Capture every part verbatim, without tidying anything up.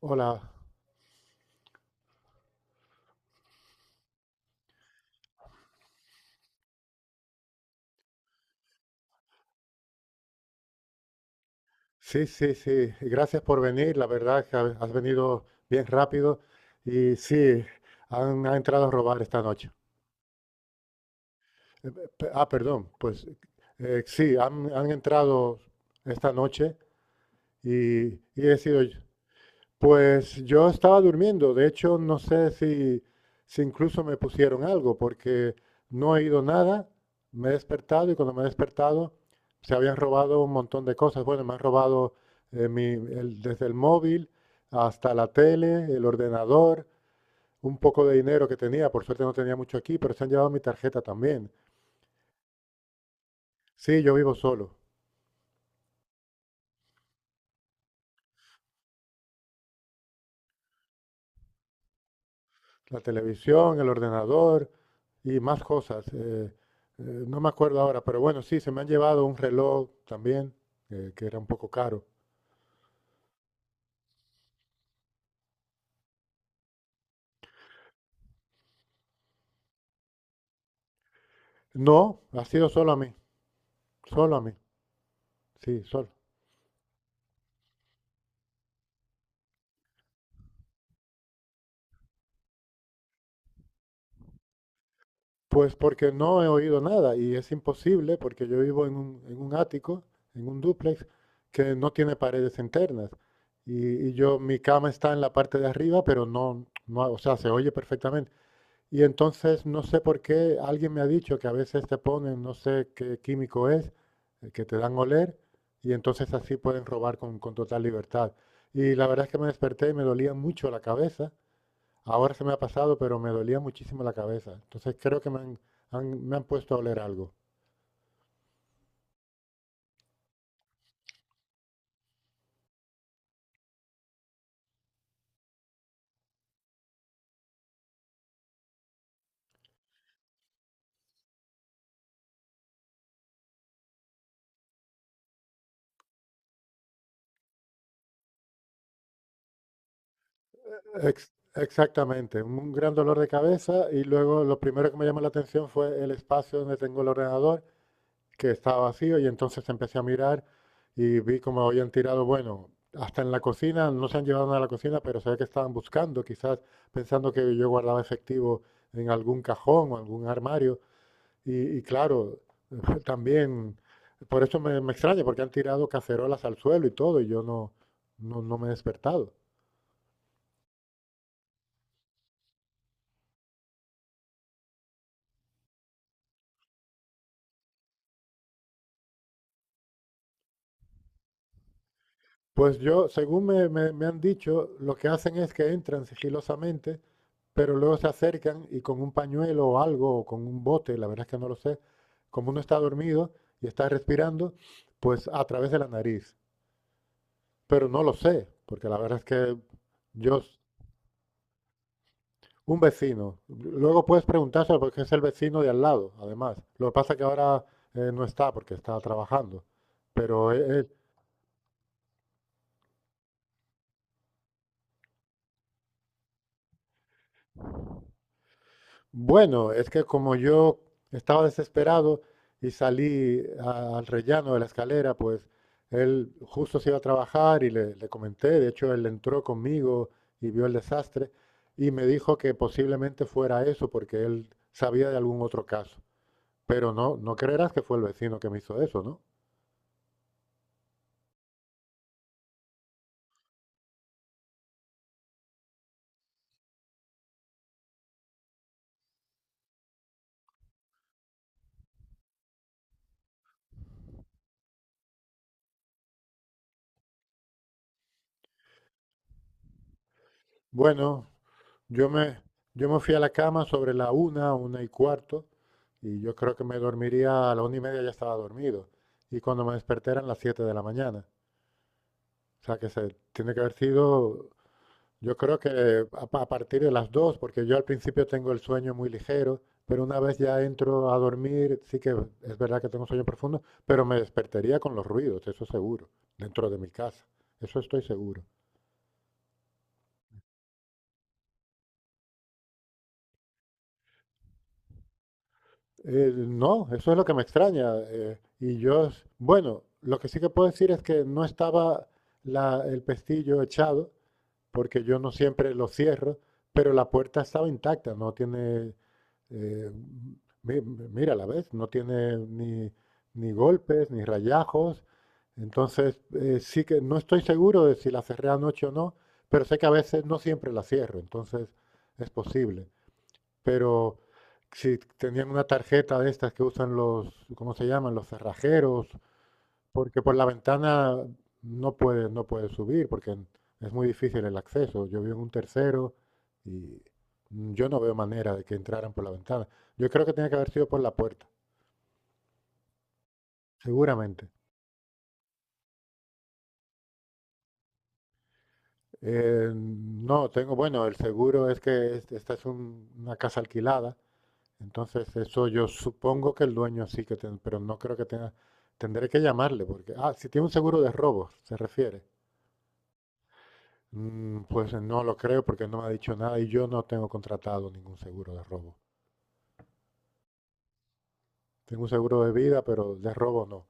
Hola, sí, sí, sí, y gracias por venir, la verdad que ha- has venido bien rápido y sí, han, han entrado a robar esta noche. Eh, pe- Ah, perdón, pues eh, sí, han, han entrado esta noche y, y he sido yo. Pues yo estaba durmiendo, de hecho no sé si, si incluso me pusieron algo, porque no he ido nada, me he despertado y cuando me he despertado se habían robado un montón de cosas. Bueno, me han robado eh, mi- el- desde el móvil hasta la tele, el ordenador, un poco de dinero que tenía, por suerte no tenía mucho aquí, pero se han llevado mi tarjeta también. Sí, yo vivo solo, la televisión, el ordenador, y más cosas. eh, eh, no me acuerdo ahora, pero bueno, sí, se me han llevado un reloj también, eh, que era un poco caro. No, ha sido solo a mí, solo a mí, sí, solo. Pues porque no he oído nada y es imposible porque yo vivo en un, en un ático, en un dúplex, que no tiene paredes internas. Y, y yo, mi cama está en la parte de arriba, pero no, no, o sea, se oye perfectamente. Y entonces no sé por qué alguien me ha dicho que a veces te ponen, no sé qué químico es, eh, que te dan a oler y entonces así pueden robar con, con total libertad. Y la verdad es que me desperté y me dolía mucho la cabeza. Ahora se me ha pasado, pero me dolía muchísimo la cabeza. Entonces creo que me han, han- me han puesto a oler algo. Ex- exactamente, un gran dolor de cabeza y luego lo primero que me llamó la atención fue el espacio donde tengo el ordenador que estaba vacío y entonces empecé a mirar y vi como habían tirado, bueno, hasta en la cocina, no se han llevado nada a la cocina, pero se ve que estaban buscando, quizás pensando que yo guardaba efectivo en algún cajón o algún armario. Y, y claro, también, por eso me, me extraña, porque han tirado cacerolas al suelo y todo, y yo no, no, no me he despertado. Pues yo, según me, me- me han dicho, lo que hacen es que entran sigilosamente, pero luego se acercan y con un pañuelo o algo, o con un bote, la verdad es que no lo sé, como uno está dormido y está respirando, pues a través de la nariz. Pero no lo sé, porque la verdad es que yo, s- un vecino, luego puedes preguntárselo porque es el vecino de al lado, además. Lo que pasa es que ahora eh, no está porque está trabajando, pero e- él. Bueno, es que como yo estaba desesperado y salí a- al rellano de la escalera, pues él justo se iba a trabajar y le, le comenté, de hecho él entró conmigo y vio el desastre y me dijo que posiblemente fuera eso porque él sabía de algún otro caso, pero no, no creerás que fue el vecino que me hizo eso, ¿no? Bueno, Yo me, yo me fui a la cama sobre la una, una y cuarto, y yo creo que me dormiría a la una y media ya estaba dormido. Y cuando me desperté eran las siete de la mañana. O sea que se tiene que haber sido, yo creo que a, pa- a partir de las dos, porque yo al principio tengo el sueño muy ligero, pero una vez ya entro a dormir, sí que es verdad que tengo un sueño profundo, pero me despertaría con los ruidos, eso seguro, dentro de mi casa. Eso estoy seguro. Eh, no, eso es lo que me extraña. eh, y yo, s- bueno, lo que sí que puedo decir es que no estaba la- el pestillo echado, porque yo no siempre lo cierro, pero la puerta estaba intacta, no tiene, eh, mi- mi- mira, la ves, no tiene ni, ni golpes, ni rayajos. Entonces, eh, sí que no estoy seguro de si la cerré anoche o no, pero sé que a veces no siempre la cierro, entonces es posible. Pero si tenían una tarjeta de estas que usan los, ¿cómo se llaman? Los cerrajeros, porque por la ventana no puede, no puede subir, porque es muy difícil el acceso. Yo vivo en un tercero y yo no veo manera de que entraran por la ventana. Yo creo que tenía que haber sido por la puerta, seguramente. Eh, no, tengo, bueno, el seguro es que es- esta es un- una casa alquilada. Entonces, eso yo supongo que el dueño sí que tiene, pero no creo que tenga, tendré que llamarle porque, ah, si tiene un seguro de robos, se refiere. Mm, pues no lo creo porque no me ha dicho nada y yo no tengo contratado ningún seguro de robo. Tengo un seguro de vida, pero de robo no.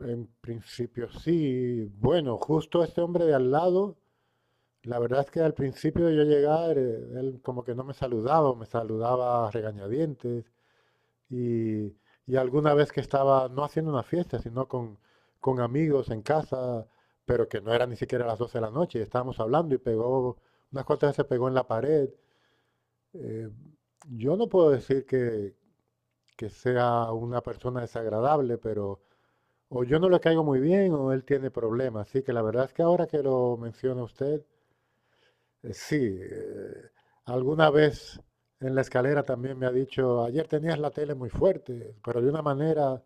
En principio sí. Bueno, justo este hombre de al lado, la verdad es que al principio de yo llegar, eh, él como que no me saludaba, o me saludaba a regañadientes. Y, y alguna vez que estaba, no haciendo una fiesta, sino con, con amigos en casa, pero que no era ni siquiera las doce de la noche, y estábamos hablando y pegó, unas cuantas veces pegó en la pared. Eh, yo no puedo decir que, que sea una persona desagradable, pero o yo no le caigo muy bien o él tiene problemas. Así que la verdad es que ahora que lo menciona usted, eh, sí, eh, alguna vez en la escalera también me ha dicho, ayer tenías la tele muy fuerte, pero de una manera.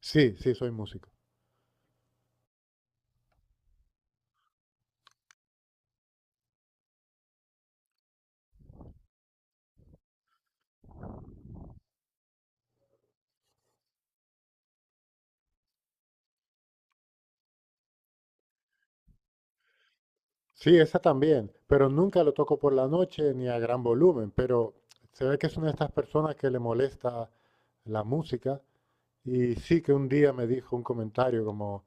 Sí, sí, soy músico. Sí, esa también, pero nunca lo toco por la noche ni a gran volumen, pero se ve que es una de estas personas que le molesta la música y sí que un día me dijo un comentario como,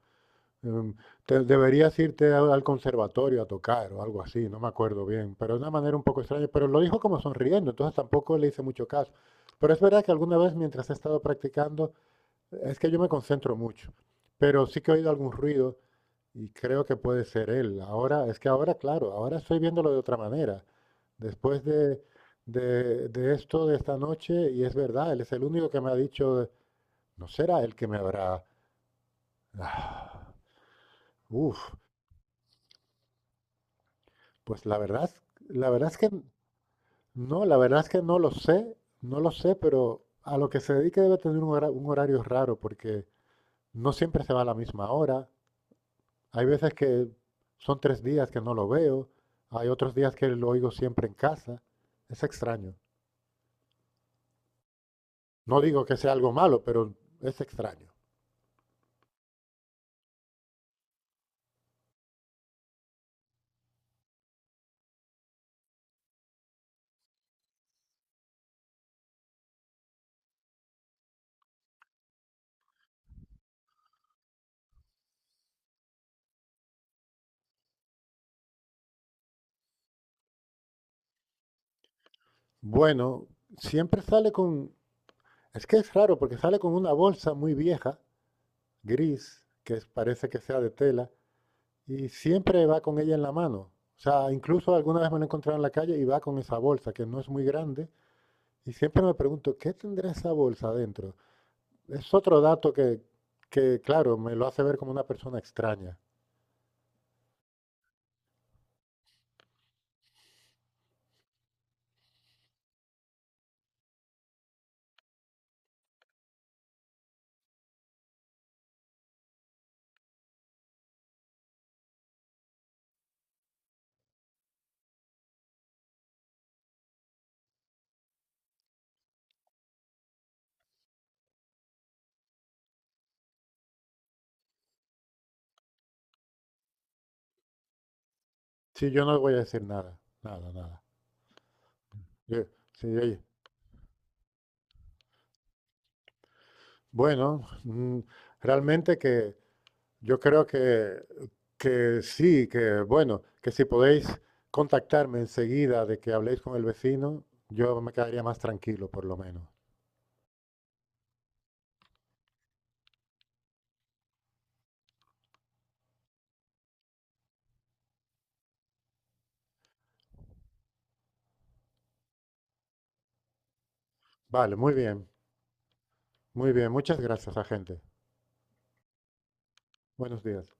em, "Te- deberías irte a- al conservatorio a tocar o algo así", no me acuerdo bien, pero de una manera un poco extraña, pero lo dijo como sonriendo, entonces tampoco le hice mucho caso. Pero es verdad que alguna vez mientras he estado practicando, es que yo me concentro mucho, pero sí que he oído algún ruido. Y creo que puede ser él. Ahora, es que ahora, claro, ahora estoy viéndolo de otra manera. Después de, de, de esto, de esta noche, y es verdad, él es el único que me ha dicho, no será él que me habrá... Ah, uf, pues la verdad, es- la verdad es que no, la verdad es que no lo sé, no lo sé, pero a lo que se dedique debe tener un hora- un horario raro, porque no siempre se va a la misma hora. Hay veces que son tres días que no lo veo, hay otros días que lo oigo siempre en casa. Es extraño. No digo que sea algo malo, pero es extraño. Bueno, siempre sale con... Es que es raro porque sale con una bolsa muy vieja, gris, que es- parece que sea de tela, y siempre va con ella en la mano. O sea, incluso alguna vez me lo he encontrado en la calle y va con esa bolsa, que no es muy grande, y siempre me pregunto, ¿qué tendrá esa bolsa adentro? Es otro dato que, que, claro, me lo hace ver como una persona extraña. Sí, yo no voy a decir nada, nada, nada. Yo- sí, oye, bueno, mm, realmente que yo creo que, que sí, que bueno, que si podéis contactarme enseguida de que habléis con el vecino, yo me quedaría más tranquilo, por lo menos. Vale, muy bien, muy bien. Muchas gracias, agente. Buenos días.